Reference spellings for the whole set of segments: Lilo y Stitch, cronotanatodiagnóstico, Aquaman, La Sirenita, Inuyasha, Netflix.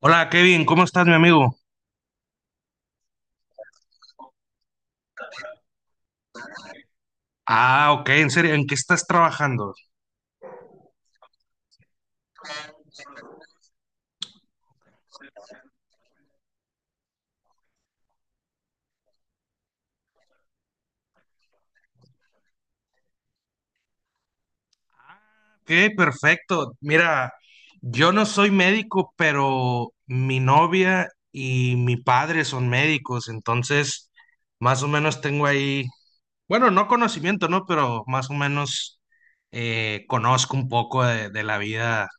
Hola Kevin, ¿cómo estás, mi amigo? Ah, ok, en serio, ¿en qué estás trabajando? Ok, perfecto. Mira, yo no soy médico, pero mi novia y mi padre son médicos, entonces más o menos tengo ahí, bueno, no conocimiento, ¿no? Pero más o menos conozco un poco de la vida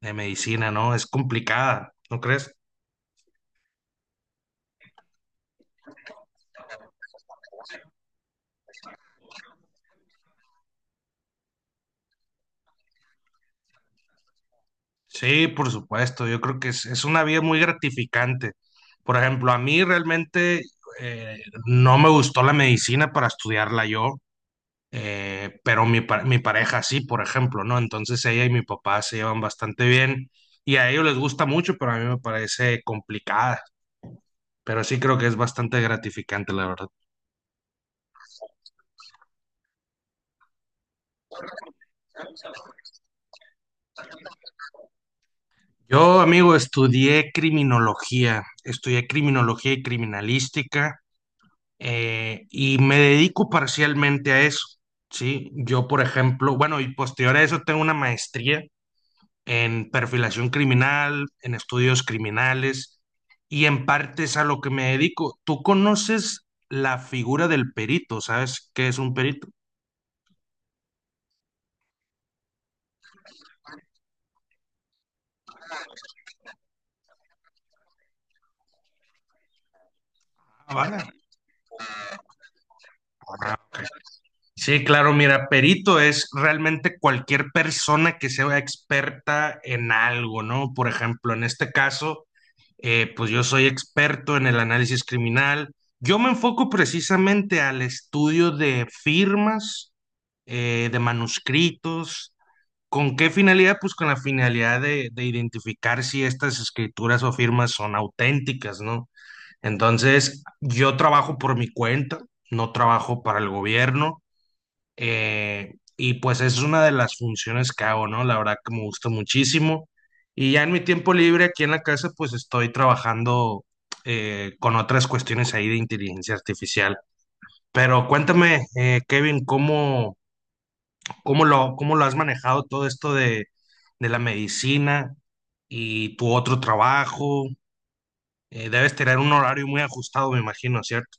de medicina, ¿no? Es complicada, ¿no crees? Sí, por supuesto, yo creo que es una vida muy gratificante. Por ejemplo, a mí realmente eh, no me gustó la medicina para estudiarla yo, pero mi pareja sí, por ejemplo, ¿no? Entonces ella y mi papá se llevan bastante bien y a ellos les gusta mucho, pero a mí me parece complicada, pero sí creo que es bastante gratificante, la verdad. Yo, amigo, estudié criminología y criminalística. Y me dedico parcialmente a eso, ¿sí? Yo, por ejemplo, bueno, y posterior a eso tengo una maestría en perfilación criminal, en estudios criminales, y en parte es a lo que me dedico. ¿Tú conoces la figura del perito? ¿Sabes qué es un perito? Ah, vale. Sí, claro, mira, perito es realmente cualquier persona que sea experta en algo, ¿no? Por ejemplo, en este caso pues yo soy experto en el análisis criminal. Yo me enfoco precisamente al estudio de firmas, de manuscritos. ¿Con qué finalidad? Pues con la finalidad de identificar si estas escrituras o firmas son auténticas, ¿no? Entonces, yo trabajo por mi cuenta, no trabajo para el gobierno. Y pues es una de las funciones que hago, ¿no? La verdad que me gusta muchísimo. Y ya en mi tiempo libre aquí en la casa, pues estoy trabajando con otras cuestiones ahí de inteligencia artificial. Pero cuéntame, Kevin, ¿cómo lo has manejado todo esto de la medicina y tu otro trabajo? Debes tener un horario muy ajustado, me imagino, ¿cierto?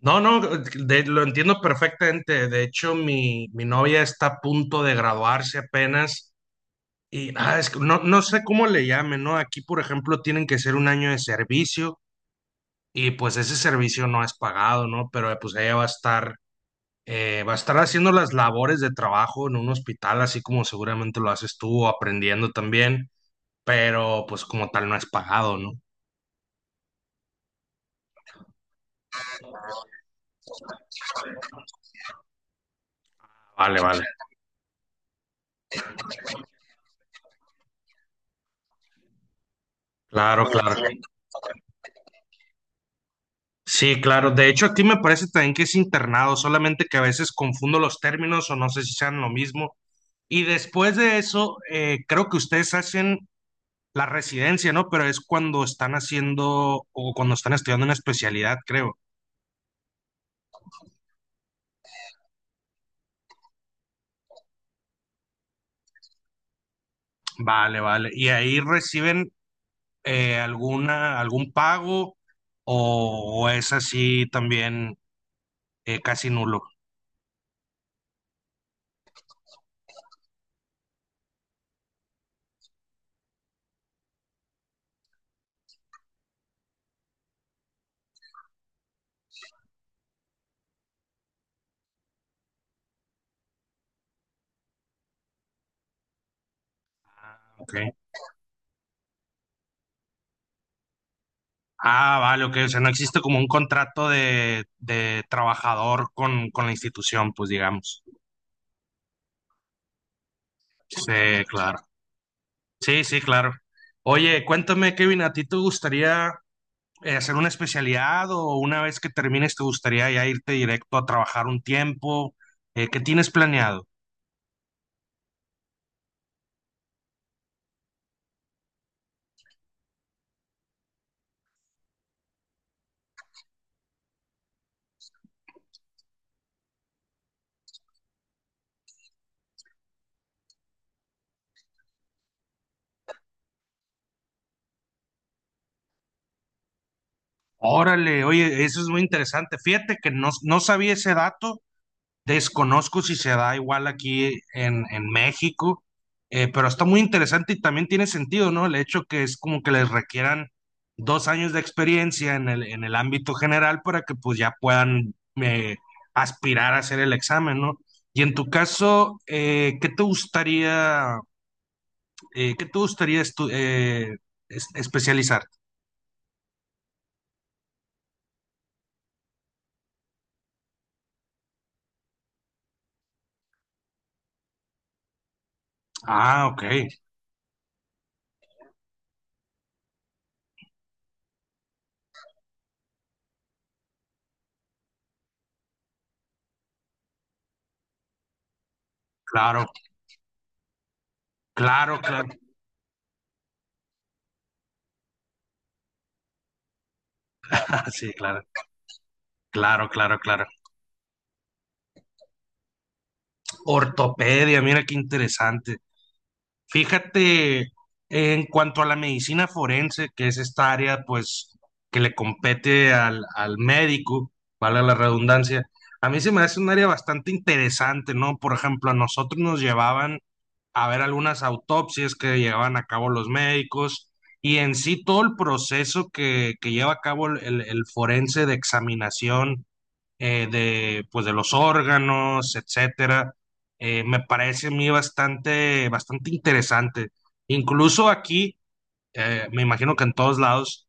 No, no, de- lo entiendo perfectamente. De hecho, mi novia está a punto de graduarse apenas y ah, es que no, no sé cómo le llamen, ¿no? Aquí, por ejemplo, tienen que ser un año de servicio y pues ese servicio no es pagado, ¿no? Pero pues ella va a estar, va a estar haciendo las labores de trabajo en un hospital, así como seguramente lo haces tú, o aprendiendo también, pero pues como tal no es pagado, ¿no? Vale, vale. Claro, claro. Sí, claro. De hecho, aquí me parece también que es internado, solamente que a veces confundo los términos o no sé si sean lo mismo. Y después de eso, creo que ustedes hacen la residencia, ¿no? Pero es cuando están haciendo o cuando están estudiando una especialidad, creo. Vale, vale. ¿Y ahí reciben algún pago o es así también casi nulo? Ah, ok. Ah, vale, ok. O sea, no existe como un contrato de trabajador con la institución, pues digamos. Sí, claro. Sí, sí, claro. Oye, cuéntame, Kevin, ¿a ti te gustaría hacer una especialidad o una vez que termines te gustaría ya irte directo a trabajar un tiempo? ¿Qué tienes planeado? Órale, oye, eso es muy interesante. Fíjate que no, no sabía ese dato. Desconozco si se da igual aquí en México, pero está muy interesante y también tiene sentido, ¿no? El hecho que es como que les requieran 2 años de experiencia en el ámbito general para que pues ya puedan eh, aspirar a hacer el examen, ¿no? Y en tu caso, ¿qué te gustaría, eh, qué te gustaría estu- eh, especializar? Ah, ok, claro, claro, claro, sí, claro, claro, claro, claro. Ortopedia, mira qué interesante. Fíjate, en cuanto a la medicina forense, que es esta área, pues, que le compete al médico, vale la redundancia, a mí se me hace un área bastante interesante, ¿no? Por ejemplo, a nosotros nos llevaban a ver algunas autopsias que llevaban a cabo los médicos y en sí todo el proceso que lleva a cabo el forense de examinación pues, de los órganos, etcétera. Me parece a mí bastante, bastante interesante. Incluso aquí, me imagino que en todos lados,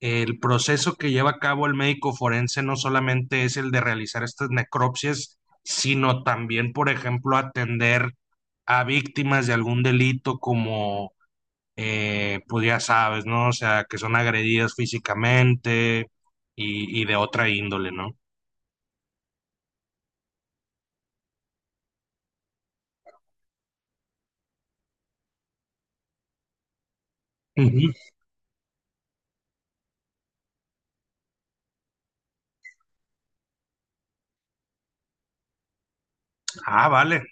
el proceso que lleva a cabo el médico forense no solamente es el de realizar estas necropsias, sino también, por ejemplo, atender a víctimas de algún delito como, pues ya sabes, ¿no? O sea, que son agredidas físicamente y de otra índole, ¿no? Ujú. Ah, vale.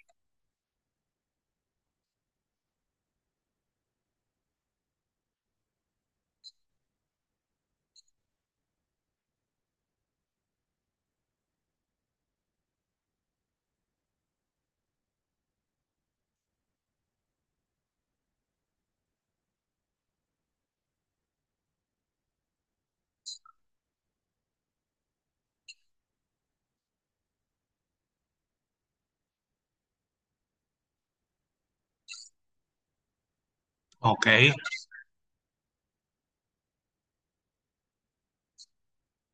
Ok,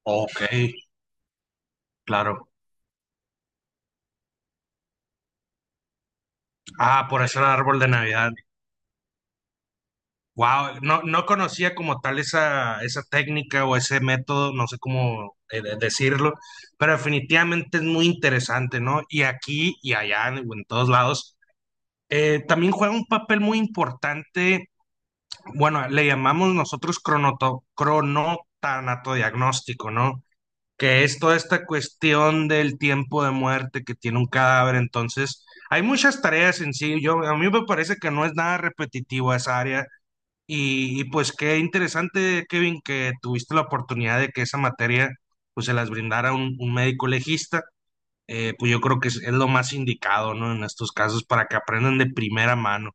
ok, claro. Ah, por eso el árbol de Navidad. Wow, no, no conocía como tal esa, esa técnica o ese método, no sé cómo decirlo, pero definitivamente es muy interesante, ¿no? Y aquí y allá, en todos lados, también juega un papel muy importante, bueno, le llamamos nosotros cronoto, cronotanatodiagnóstico, ¿no? Que es toda esta cuestión del tiempo de muerte que tiene un cadáver. Entonces, hay muchas tareas en sí. Yo, a mí me parece que no es nada repetitivo esa área. Y pues qué interesante, Kevin, que tuviste la oportunidad de que esa materia pues se las brindara un médico legista. Pues yo creo que es lo más indicado, ¿no? En estos casos para que aprendan de primera mano.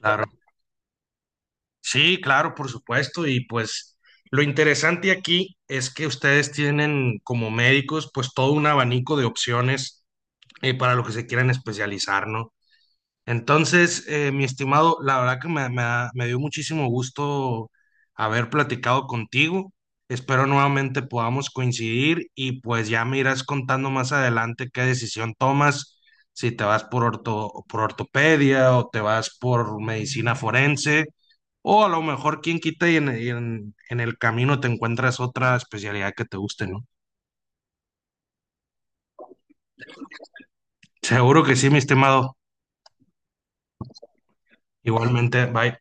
Claro. Sí, claro, por supuesto. Y pues lo interesante aquí es que ustedes tienen como médicos pues todo un abanico de opciones para lo que se quieran especializar, ¿no? Entonces, mi estimado, la verdad que me dio muchísimo gusto haber platicado contigo. Espero nuevamente podamos coincidir y pues ya me irás contando más adelante qué decisión tomas, si te vas por orto, por ortopedia o te vas por medicina forense o a lo mejor quién quita y en el camino te encuentras otra especialidad que te guste, ¿no? Seguro que sí, mi estimado. Igualmente, bye.